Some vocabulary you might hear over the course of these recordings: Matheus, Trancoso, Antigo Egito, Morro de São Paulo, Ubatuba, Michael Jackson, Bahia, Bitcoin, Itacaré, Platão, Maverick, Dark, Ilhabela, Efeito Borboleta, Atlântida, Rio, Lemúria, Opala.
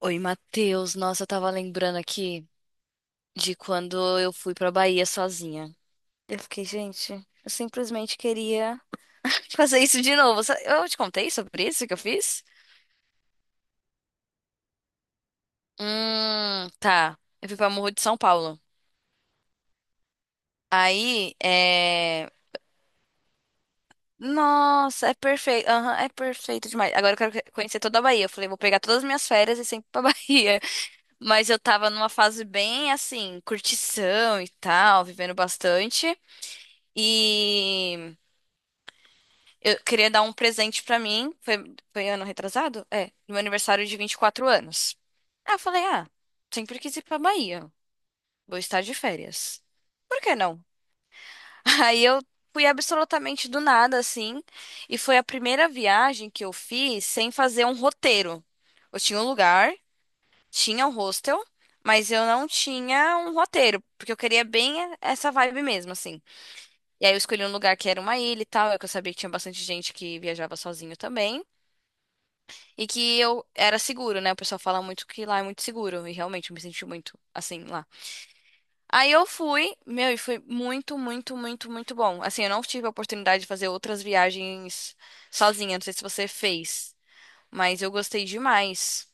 Oi, Matheus. Nossa, eu tava lembrando aqui de quando eu fui pra Bahia sozinha. Eu fiquei, gente, eu simplesmente queria fazer isso de novo. Eu te contei sobre isso que eu fiz? Tá. Eu fui pra Morro de São Paulo. Aí, é. Nossa, é perfeito. Aham, é perfeito demais. Agora eu quero conhecer toda a Bahia. Eu falei, vou pegar todas as minhas férias e sempre pra Bahia. Mas eu tava numa fase bem assim, curtição e tal, vivendo bastante. E. Eu queria dar um presente pra mim. Foi ano retrasado? É, no meu aniversário de 24 anos. Aí eu falei, ah, sempre quis ir pra Bahia. Vou estar de férias. Por que não? Aí eu fui absolutamente do nada, assim. E foi a primeira viagem que eu fiz sem fazer um roteiro. Eu tinha um lugar, tinha um hostel, mas eu não tinha um roteiro, porque eu queria bem essa vibe mesmo, assim. E aí eu escolhi um lugar que era uma ilha e tal, é que eu sabia que tinha bastante gente que viajava sozinho também. E que eu era seguro, né? O pessoal fala muito que lá é muito seguro. E realmente eu me senti muito assim lá. Aí eu fui, meu, e foi muito, muito, muito, muito bom. Assim, eu não tive a oportunidade de fazer outras viagens sozinha. Não sei se você fez, mas eu gostei demais.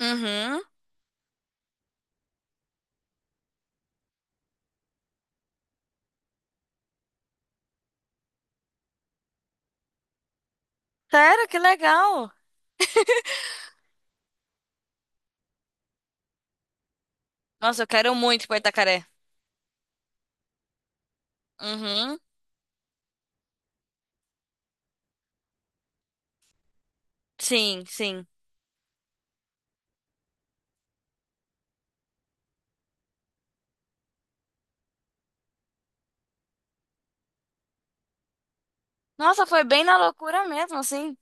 Uhum. Sério, que legal. Nossa, eu quero muito ir pra Itacaré. Uhum. Sim, sim. Nossa, foi bem na loucura mesmo, assim.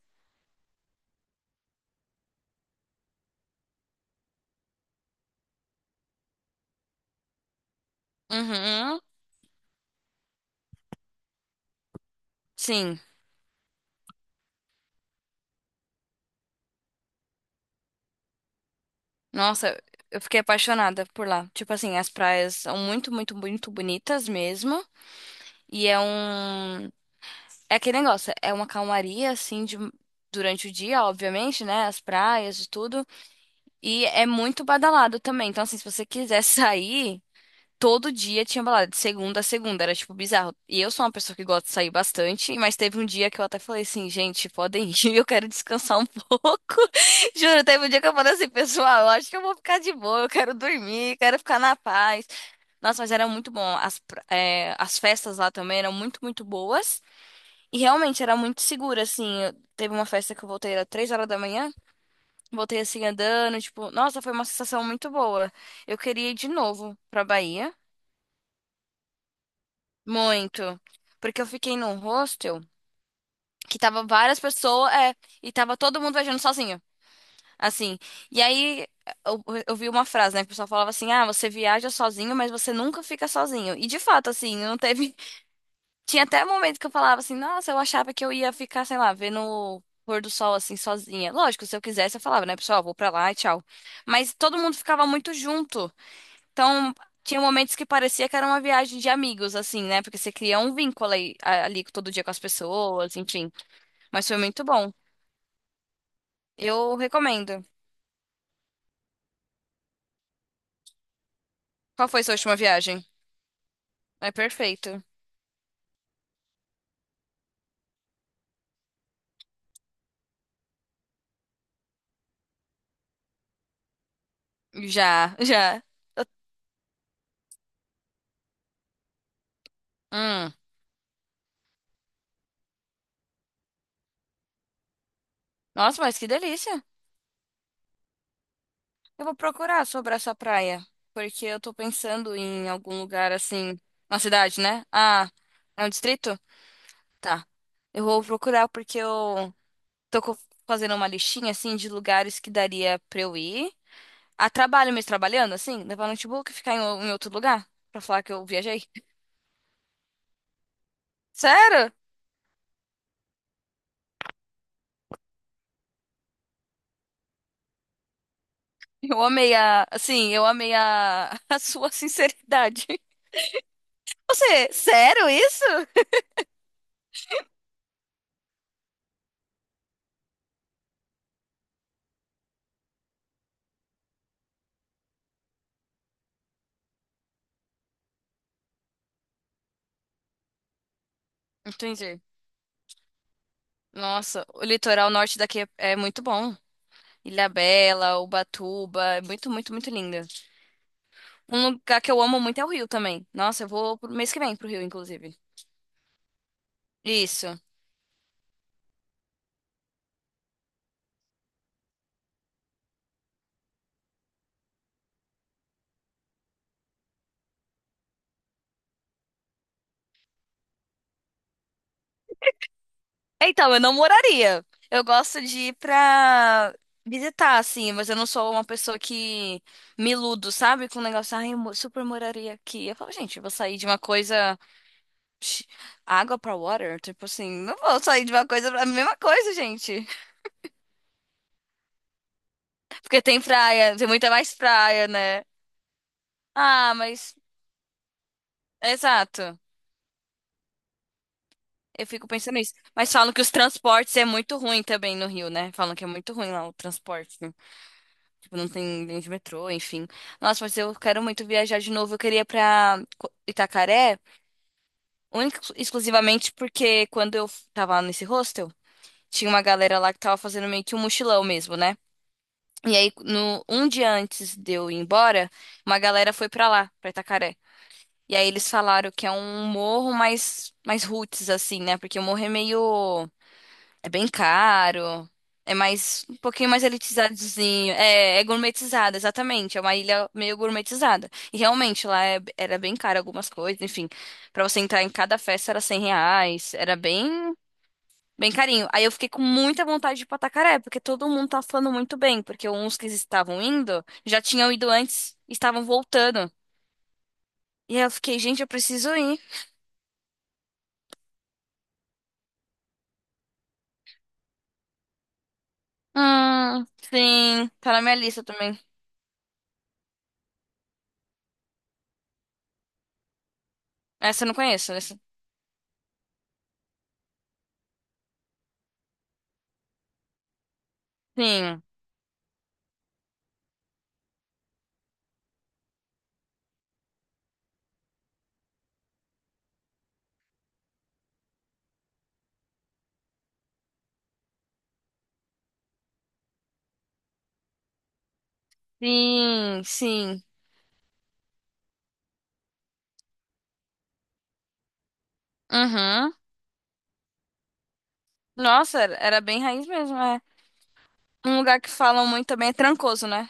Uhum. Sim. Nossa, eu fiquei apaixonada por lá. Tipo assim, as praias são muito, muito, muito bonitas mesmo. E é um. É aquele negócio, é uma calmaria, assim, de durante o dia, obviamente, né? As praias e tudo. E é muito badalado também. Então, assim, se você quiser sair. Todo dia tinha balada, de segunda a segunda, era tipo bizarro. E eu sou uma pessoa que gosta de sair bastante, mas teve um dia que eu até falei assim, gente, podem ir, eu quero descansar um pouco. Juro, teve um dia que eu falei assim, pessoal, eu acho que eu vou ficar de boa, eu quero dormir, quero ficar na paz. Nossa, mas era muito bom. As festas lá também eram muito, muito boas. E realmente era muito segura, assim. Teve uma festa que eu voltei, era 3 horas da manhã, voltei assim andando, tipo, nossa, foi uma sensação muito boa. Eu queria ir de novo pra Bahia. Muito. Porque eu fiquei num hostel que tava várias pessoas, é, e tava todo mundo viajando sozinho. Assim. E aí eu vi uma frase, né? Que o pessoal falava assim: ah, você viaja sozinho, mas você nunca fica sozinho. E de fato, assim, não teve. Tinha até momento que eu falava assim, nossa, eu achava que eu ia ficar, sei lá, vendo o pôr do sol assim, sozinha. Lógico, se eu quisesse, eu falava, né, pessoal, vou pra lá e tchau. Mas todo mundo ficava muito junto. Então, tinha momentos que parecia que era uma viagem de amigos, assim, né? Porque você cria um vínculo ali todo dia com as pessoas, enfim. Mas foi muito bom. Eu recomendo. Qual foi sua última viagem? É perfeito. Já, já. Eu- Hum. Nossa, mas que delícia. Eu vou procurar sobre essa praia, porque eu tô pensando em algum lugar assim, na cidade, né? Ah, é um distrito? Tá. Eu vou procurar porque eu tô co- fazendo uma listinha assim de lugares que daria pra eu ir. A trabalho mesmo, trabalhando, assim, levar notebook e ficar em, em outro lugar pra falar que eu viajei? Sério? Eu amei a, assim, eu amei a, a sua sinceridade. Você, sério isso? Entendi. Nossa, o litoral norte daqui é, é muito bom. Ilhabela, Ubatuba, é muito, muito, muito linda. Um lugar que eu amo muito é o Rio também. Nossa, eu vou pro mês que vem pro Rio, inclusive. Isso. Então, eu não moraria. Eu gosto de ir pra visitar, assim, mas eu não sou uma pessoa que me iludo, sabe? Com o negócio, ai, eu super moraria aqui. Eu falo, gente, eu vou sair de uma coisa. Sh- Água pra water? Tipo assim, não vou sair de uma coisa pra a mesma coisa, gente. Porque tem praia, tem muita mais praia, né? Ah, mas. Exato. Eu fico pensando nisso. Mas falam que os transportes é muito ruim também no Rio, né? Falam que é muito ruim lá o transporte. Tipo, não tem linha de metrô, enfim. Nossa, mas eu quero muito viajar de novo. Eu queria ir pra Itacaré, única, e exclusivamente porque quando eu tava nesse hostel, tinha uma galera lá que tava fazendo meio que um mochilão mesmo, né? E aí, no, um dia antes de eu ir embora, uma galera foi pra lá, pra Itacaré. E aí eles falaram que é um morro mais, mais roots, assim, né? Porque o morro é meio. É bem caro. É mais um pouquinho mais elitizadozinho. É, é gourmetizada, exatamente. É uma ilha meio gourmetizada. E realmente lá era bem caro algumas coisas, enfim. Pra você entrar em cada festa era R$ 100. Era bem, bem carinho. Aí eu fiquei com muita vontade de ir pra Tacaré, porque todo mundo tá falando muito bem, porque uns que estavam indo já tinham ido antes, e estavam voltando. E aí eu fiquei, gente, eu preciso ir. Sim, tá na minha lista também. Essa eu não conheço, essa. Sim. Sim, sim. Uhum. Nossa, era bem raiz mesmo, é. Um lugar que falam muito também é Trancoso, né?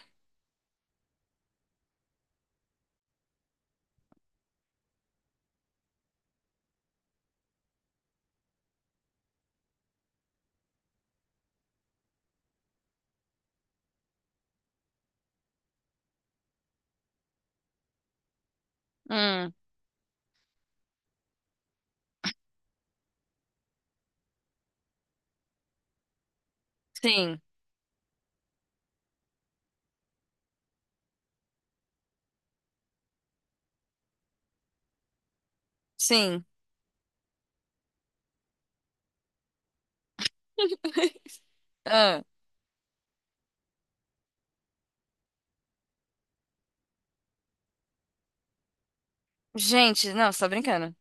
Hum, sim, sim. Ah, gente, não, só brincando.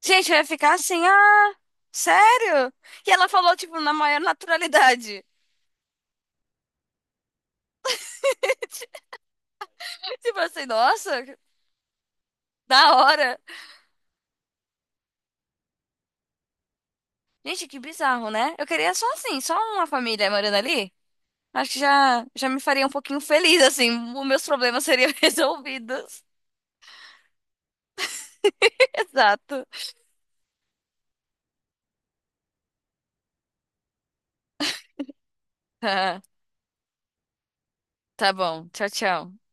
Gente, eu ia ficar assim, ah, sério? E ela falou, tipo, na maior naturalidade. Tipo assim, nossa, que da hora. Gente, que bizarro, né? Eu queria só assim, só uma família morando ali. Acho que já me faria um pouquinho feliz, assim. Os meus problemas seriam resolvidos. Exato. Tá bom. Tchau, tchau.